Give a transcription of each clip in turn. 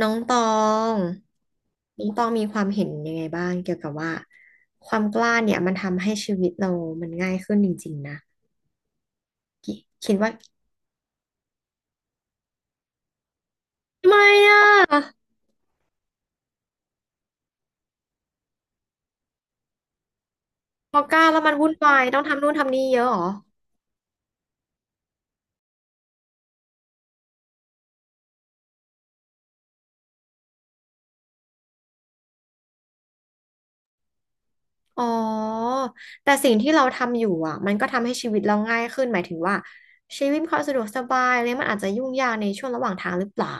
น้องตองน้องตองมีความเห็นยังไงบ้างเกี่ยวกับว่าความกล้าเนี่ยมันทำให้ชีวิตเรามันง่ายขึ้นจริงๆนะคิคิดว่าทำไมอ่ะพอกล้าแล้วมันวุ่นวายต้องทำนู่นทำนี่เยอะเหรออ๋อแต่สิ่งที่เราทำอยู่มันก็ทำให้ชีวิตเราง่ายขึ้นหมายถึงว่าชีวิตเขาสะดวกสบายเลยมันอาจจะยุ่งยากในช่วงระหว่างทางหรือเปล่า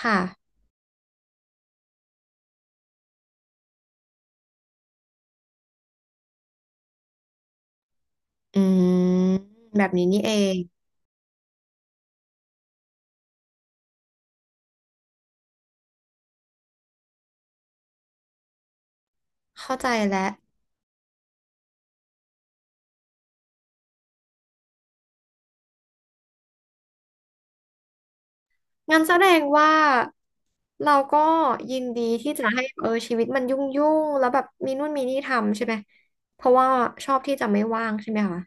ค่ะอืมแบบนี้นี่เองเข้าใจแล้ว งั้นแสดงว่าเราก็ยินดีที่จะให้ชีวิตมันยุ่งแล้วแบบมีนู่นมีนี่ทำใช่ไหมเพราะว่าชอบที่จะไม่ว่างใช่ไหมคะ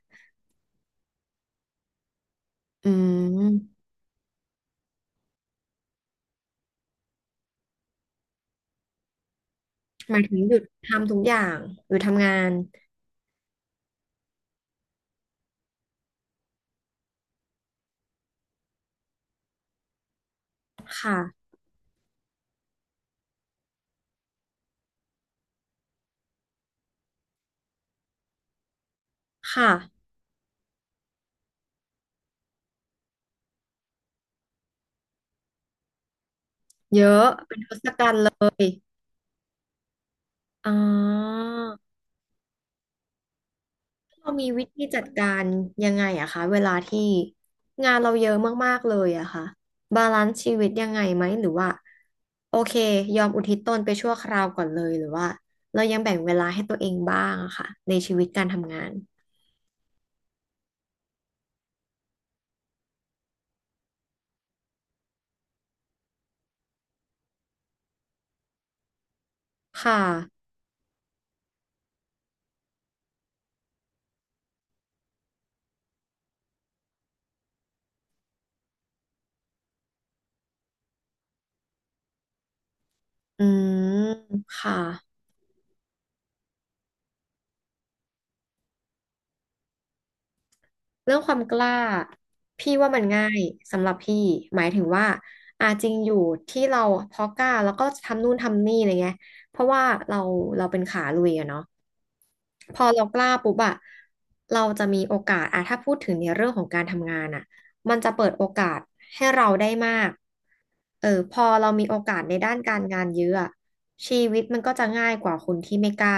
อืมหมายถึงหยุดทำทุกอย่างหรือทำงานค่ะค่ะเยอะเป็นทศกัณฐ์เลยอ๋อ เรามีวิธีจัดการยังไงคะเวลาที่งานเราเยอะมากๆเลยค่ะบาลานซ์ชีวิตยังไงไหมหรือว่าโอเคยอมอุทิศตนไปชั่วคราวก่อนเลยหรือว่าเรายังแบ่งเวลาให้ตัวเองบ้างค่ะในชีวิตการทำงานค่ะอืมค่ะเรื่องความกล้าพี่ว่ามันง่ายสำหรับพี่หมายถึงว่าอาจริงอยู่ที่เราพอกล้าแล้วก็ทำนู่นทำนี่อะไรเงี้ยเพราะว่าเราเราเป็นขาลุยเนาะ พอเรากล้าปุ๊บเราจะมีโอกาสถ้าพูดถึงในเรื่องของการทำงานมันจะเปิดโอกาสให้เราได้มากเออพอเรามีโอกาสในด้านการงานเยอะชีวิตมันก็จะง่ายกว่าคนที่ไม่กล้า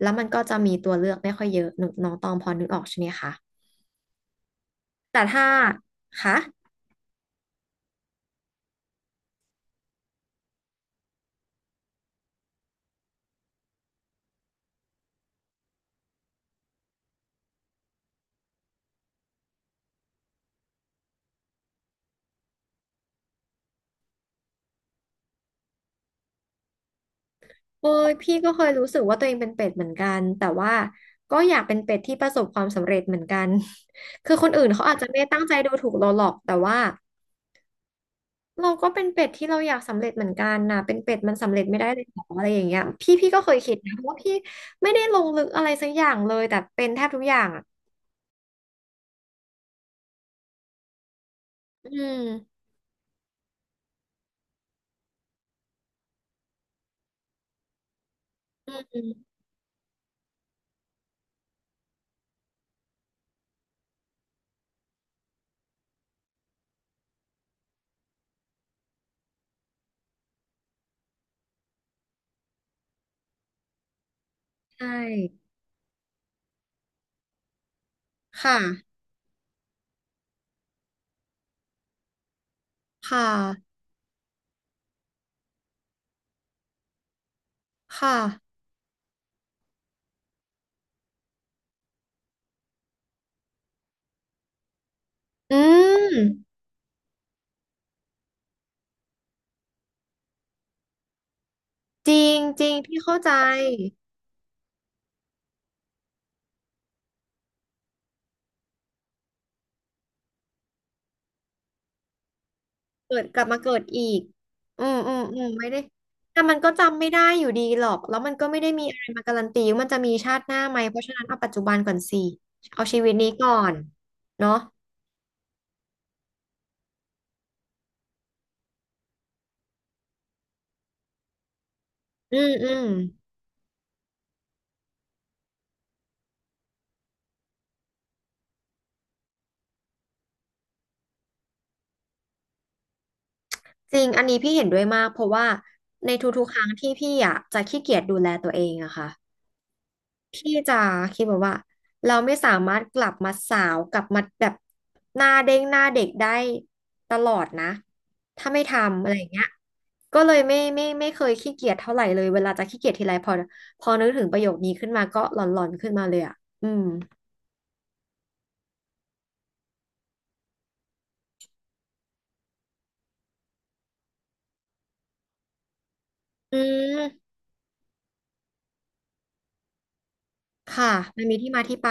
แล้วมันก็จะมีตัวเลือกไม่ค่อยเยอะนึกน้องตองพอนึกออกใช่ไหมคะแต่ถ้าคะเอ้ยพี่ก็เคยรู้สึกว่าตัวเองเป็นเป็ดเหมือนกันแต่ว่าก็อยากเป็นเป็ดที่ประสบความสำเร็จเหมือนกัน คือคนอื่นเขาอาจจะไม่ได้ตั้งใจดูถูกเราหรอกแต่ว่า เราก็เป็นเป็ดที่เราอยากสำเร็จเหมือนกันนะเป็นเป็ดมันสำเร็จไม่ได้เลยหรออะไรอย่างเงี้ยพี่ก็เคยคิดนะเพราะว่าพี่ไม่ได้ลงลึกอะไรสักอย่างเลยแต่เป็นแทบทุกอย่างอืมอืมใช่ค่ะค่ะค่ะอืมจริงจริงพี่เข้าใจเกิดกลับมาเกิดอีกอืมอืมอืมไม่ได้แต่มันก็จำไม่ได้อยู่ดีหรอกแล้วมันก็ไม่ได้มีอะไรมาการันตีว่ามันจะมีชาติหน้าไหมเพราะฉะนั้นเอาปัจจุบันก่อนสิเอาชีวิตนี้ก่อนเนาะ อืมอืมจริงอันนี้พี่เห็นด้วยมากเพราะว่าในทุกๆครั้งที่พี่จะขี้เกียจดูแลตัวเองค่ะพี่จะคิดแบบว่าเราไม่สามารถกลับมาสาวกลับมาแบบหน้าเด้งหน้าเด็กได้ตลอดนะถ้าไม่ทำอะไรอย่างเงี้ยก็เลยไม่เคยขี้เกียจเท่าไหร่เลยเวลาจะขี้เกียจทีไรพอนึกถึงประโยคนี้ขึ้นมาก็หลอนๆขึ้นมาเลยอืมอืมค่ะมันมีที่มาที่ไป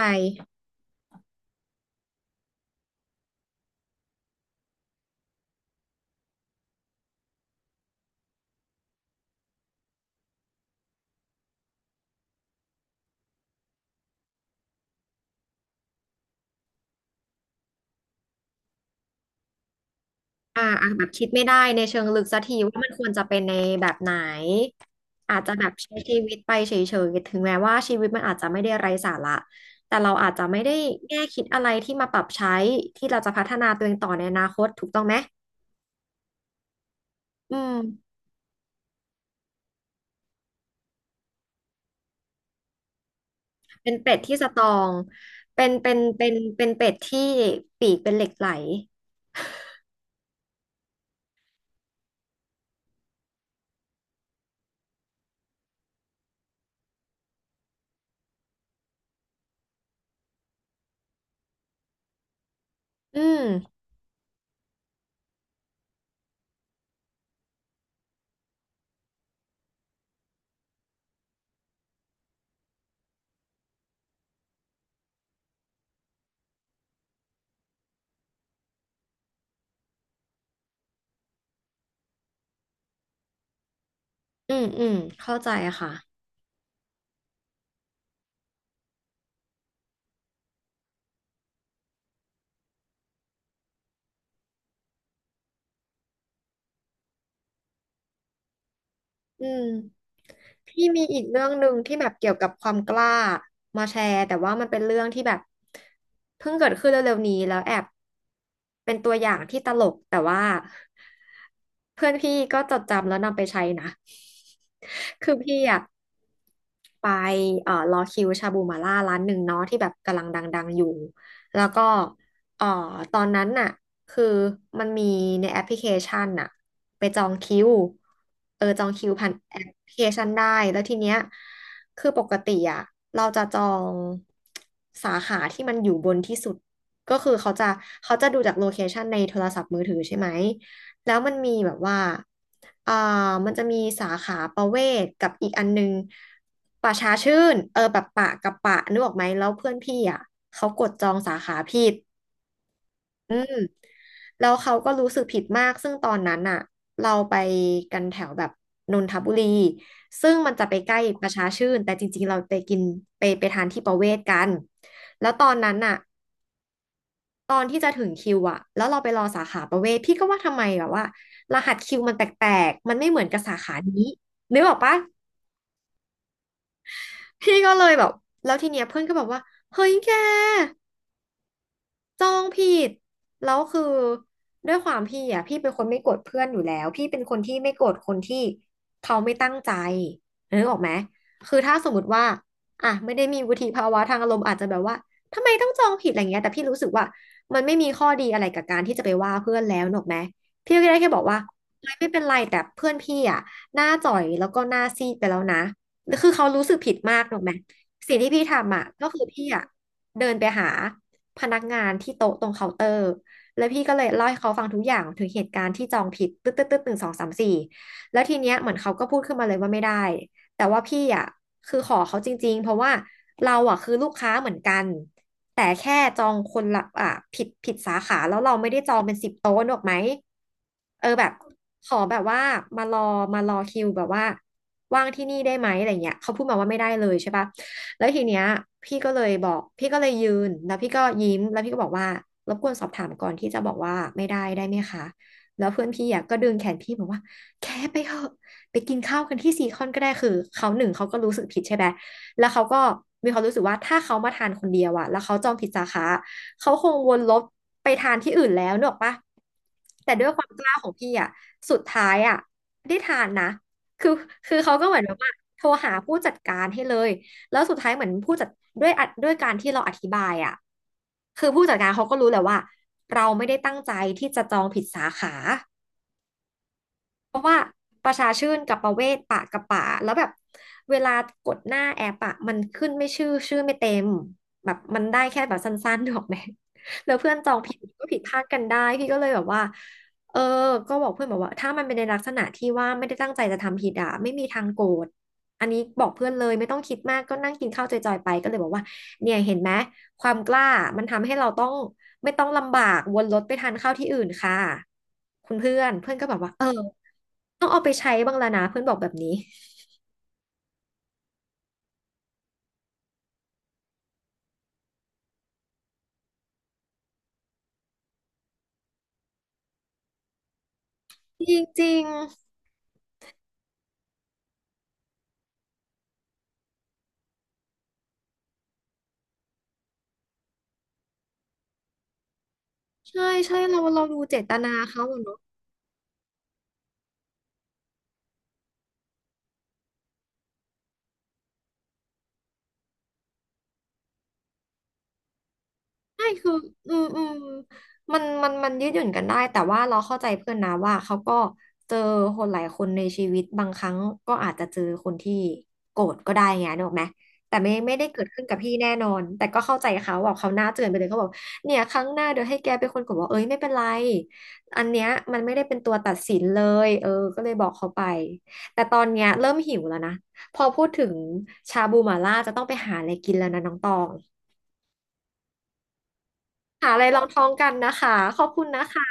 อ่าอ่ะแบบคิดไม่ได้ในเชิงลึกสักทีว่ามันควรจะเป็นในแบบไหนอาจจะแบบใช้ชีวิตไปเฉยๆถึงแม้ว่าชีวิตมันอาจจะไม่ได้ไร้สาระแต่เราอาจจะไม่ได้แง่คิดอะไรที่มาปรับใช้ที่เราจะพัฒนาตัวเองต่อในอนาคตถูกต้องไหมอืมเป็นเป็ดที่สตรองเป็นเป็ดที่ปีกเป็นเหล็กไหลอืมอืมอืมเข้าใจค่ะ อืมพี่มีอีกเรื่องหนึ่งที่แบบเกี่ยวกับความกล้ามาแชร์แต่ว่ามันเป็นเรื่องที่แบบเพิ่งเกิดขึ้นเร็วๆนี้แล้วแอบเป็นตัวอย่างที่ตลกแต่ว่าเพื่อนพี่ก็จดจำแล้วนำไปใช้นะคือพี่อะไปรอคิวชาบูมาล่าร้านหนึ่งเนาะที่แบบกำลังดังๆอยู่แล้วก็เอ่อตอนนั้นน่ะ คือมันมีในแอปพลิเคชันน่ะไปจองคิวเออจองคิวผ่านแอปพลิเคชันได้แล้วทีเนี้ยคือปกติเราจะจองสาขาที่มันอยู่บนที่สุดก็คือเขาจะดูจากโลเคชันในโทรศัพท์มือถือใช่ไหมแล้วมันมีแบบว่าอ่ามันจะมีสาขาประเวศกับอีกอันนึงป่าช้าชื่นเออแบบปะกับปะนึกออกไหมแล้วเพื่อนพี่เขากดจองสาขาผิดอืม แล้วเขาก็รู้สึกผิดมาก ซึ่งตอนนั้นเราไปกันแถวแบบนนทบุรี ซึ่งมันจะไปใกล้ประชาชื่น แต่จริงๆเราไปกินไปทานที่ประเวศกันแล้วตอนนั้นอ่ะตอนที่จะถึงคิวอ่ะแล้วเราไปรอสาขาประเวศพี่ก็ว่าทำไมแบบว่ารหัสคิวมันแปลกๆมันไม่เหมือนกับสาขานี้นึกออกปะพี่ก็เลยแบบแล้วทีเนี้ยเพื่อนก็บอกว่าเฮ้ยแก จองผิดแล้วคือด้วยความพี่อ่ะพี่เป็นคนไม่โกรธเพื่อนอยู่แล้วพี่เป็นคนที่ไม่โกรธคนที่เขาไม่ตั้งใจนึกออกไหมคือถ้าสมมติว่าอ่ะไม่ได้มีวุฒิภาวะทางอารมณ์อาจจะแบบว่าทำไมต้องจองผิดอะไรเงี้ยแต่พี่รู้สึกว่ามันไม่มีข้อดีอะไรกับการที่จะไปว่าเพื่อนแล้วนึกออกไหมพี่ก็ได้แค่บอกว่าเฮ้ยไม่เป็นไรแต่เพื่อนพี่อ่ะหน้าจ่อยแล้วก็หน้าซีดไปแล้วนะคือเขารู้สึกผิดมากนึกออกไหมสิ่งที่พี่ทำอ่ะก็คือพี่อ่ะเดินไปหา พนักงานที่โต๊ะตรงเคาน์เตอร์แล้วพี่ก็เลยเล่าให้เขาฟังทุกอย่างถึงเหตุการณ์ที่จองผิดตึ๊ดตึ๊ดตึ๊ดหนึ่งสองสามสี่แล้วทีเนี้ยเหมือนเขาก็พูดขึ้นมาเลยว่าไม่ได้แต่ว่าพี่อ่ะคือขอเขาจริงๆเพราะว่าเราอ่ะคือลูกค้าเหมือนกันแต่แค่จองคนละอ่ะผิดสาขาแล้วเราไม่ได้จองเป็นสิบโต๊ะหรอกไหมเออแบบขอแบบว่ามารอมารอคิวแบบว่าว่างที่นี่ได้ไหมอะไรเงี้ยเขาพูดมาว่าไม่ได้เลยใช่ปะ แล้วทีเนี้ยพี่ก็เลยบอกพี่ก็เลยยืนแล้วพี่ก็ยิ้มแล้วพี่ก็บอกว่ารบกวนสอบถามก่อนที่จะบอกว่าไม่ได้ได้ไหมคะแล้วเพื่อนพี่อะก็ดึงแขนพี่บอกว่าแค่ไปเถอะไปกินข้าวกันที่ซีคอนก็ได้คือเขาหนึ่งเขาก็รู้สึกผิดใช่ไหมแล้วเขาก็มีความรู้สึกว่าถ้าเขามาทานคนเดียวอะแล้วเขาจองผิดสาขาเขาคงวนรถไปทานที่อื่นแล้วเนกออกปะแต่ด้วยความกล้าของพี่อะสุดท้ายอะได้ทานนะคือคือเขาก็เหมือนแบบว่าโทรหาผู้จัดการให้เลย แล้วสุดท้ายเหมือนผู้จัดด้วยอัดด้วยการที่เราอธิบายอ่ะคือผู้จัดการเขาก็รู้แหละว่าเราไม่ได้ตั้งใจที่จะจองผิดสาขา เพราะว่าประชาชื่นกับประเวศปะกับป่าแล้วแบบเวลากดหน้าแอปอะมันขึ้นไม่ชื่อชื่อไม่เต็มแบบมันได้แค่แบบสั้นๆ ถูกไหมแล้วเพื่อนจองผิดก็ผิดพลาดกันได้พี่ก็เลยแบบว่าเออก็บอกเพื่อนบอกว่าถ้ามันเป็นในลักษณะที่ว่าไม่ได้ตั้งใจจะทำผิดอะไม่มีทางโกรธอันนี้บอกเพื่อนเลยไม่ต้องคิดมากก็นั่งกินข้าวจอยๆไปก็เลยบอกว่าเนี่ยเห็นไหมความกล้ามันทำให้เราต้องไม่ต้องลำบากวนรถไปทานข้าวที่อื่นค่ะคุณเพื่อนเพื่อนก็แบบว่าเออ ต้องเอาไปใช้บ้างแล้วนะเพื่อนบอกแบบนี้จริงๆใช่ใช่เราดูเจตนาเขาอะเนอะ ใช่คืออืมอืมมันยืดหยุ่นกันได้แต่ว่าเราเข้าใจเพื่อนนะว่าเขาก็เจอคนหลายคนในชีวิตบางครั้งก็อาจจะเจอคนที่โกรธก็ได้ไงนึกออกไหมแต่ไม่ได้เกิดขึ้นกับพี่แน่นอนแต่ก็เข้าใจเขาบอกเขาวหน้าเตือนไปเลยเขาบอกเนี่ยครั้งหน้าเดี๋ยวให้แกเป็นคนกดบอกเอ้ยไม่เป็นไรอันเนี้ยมันไม่ได้เป็นตัวตัดสินเลยเออก็เลยบอกเขาไปแต่ตอนเนี้ยเริ่มหิวแล้วนะพอพูดถึงชาบูหม่าล่าจะต้องไปหาอะไรกินแล้วนะน้องตอง หาอะไรลองท้องกันนะคะ ขอบคุณนะคะ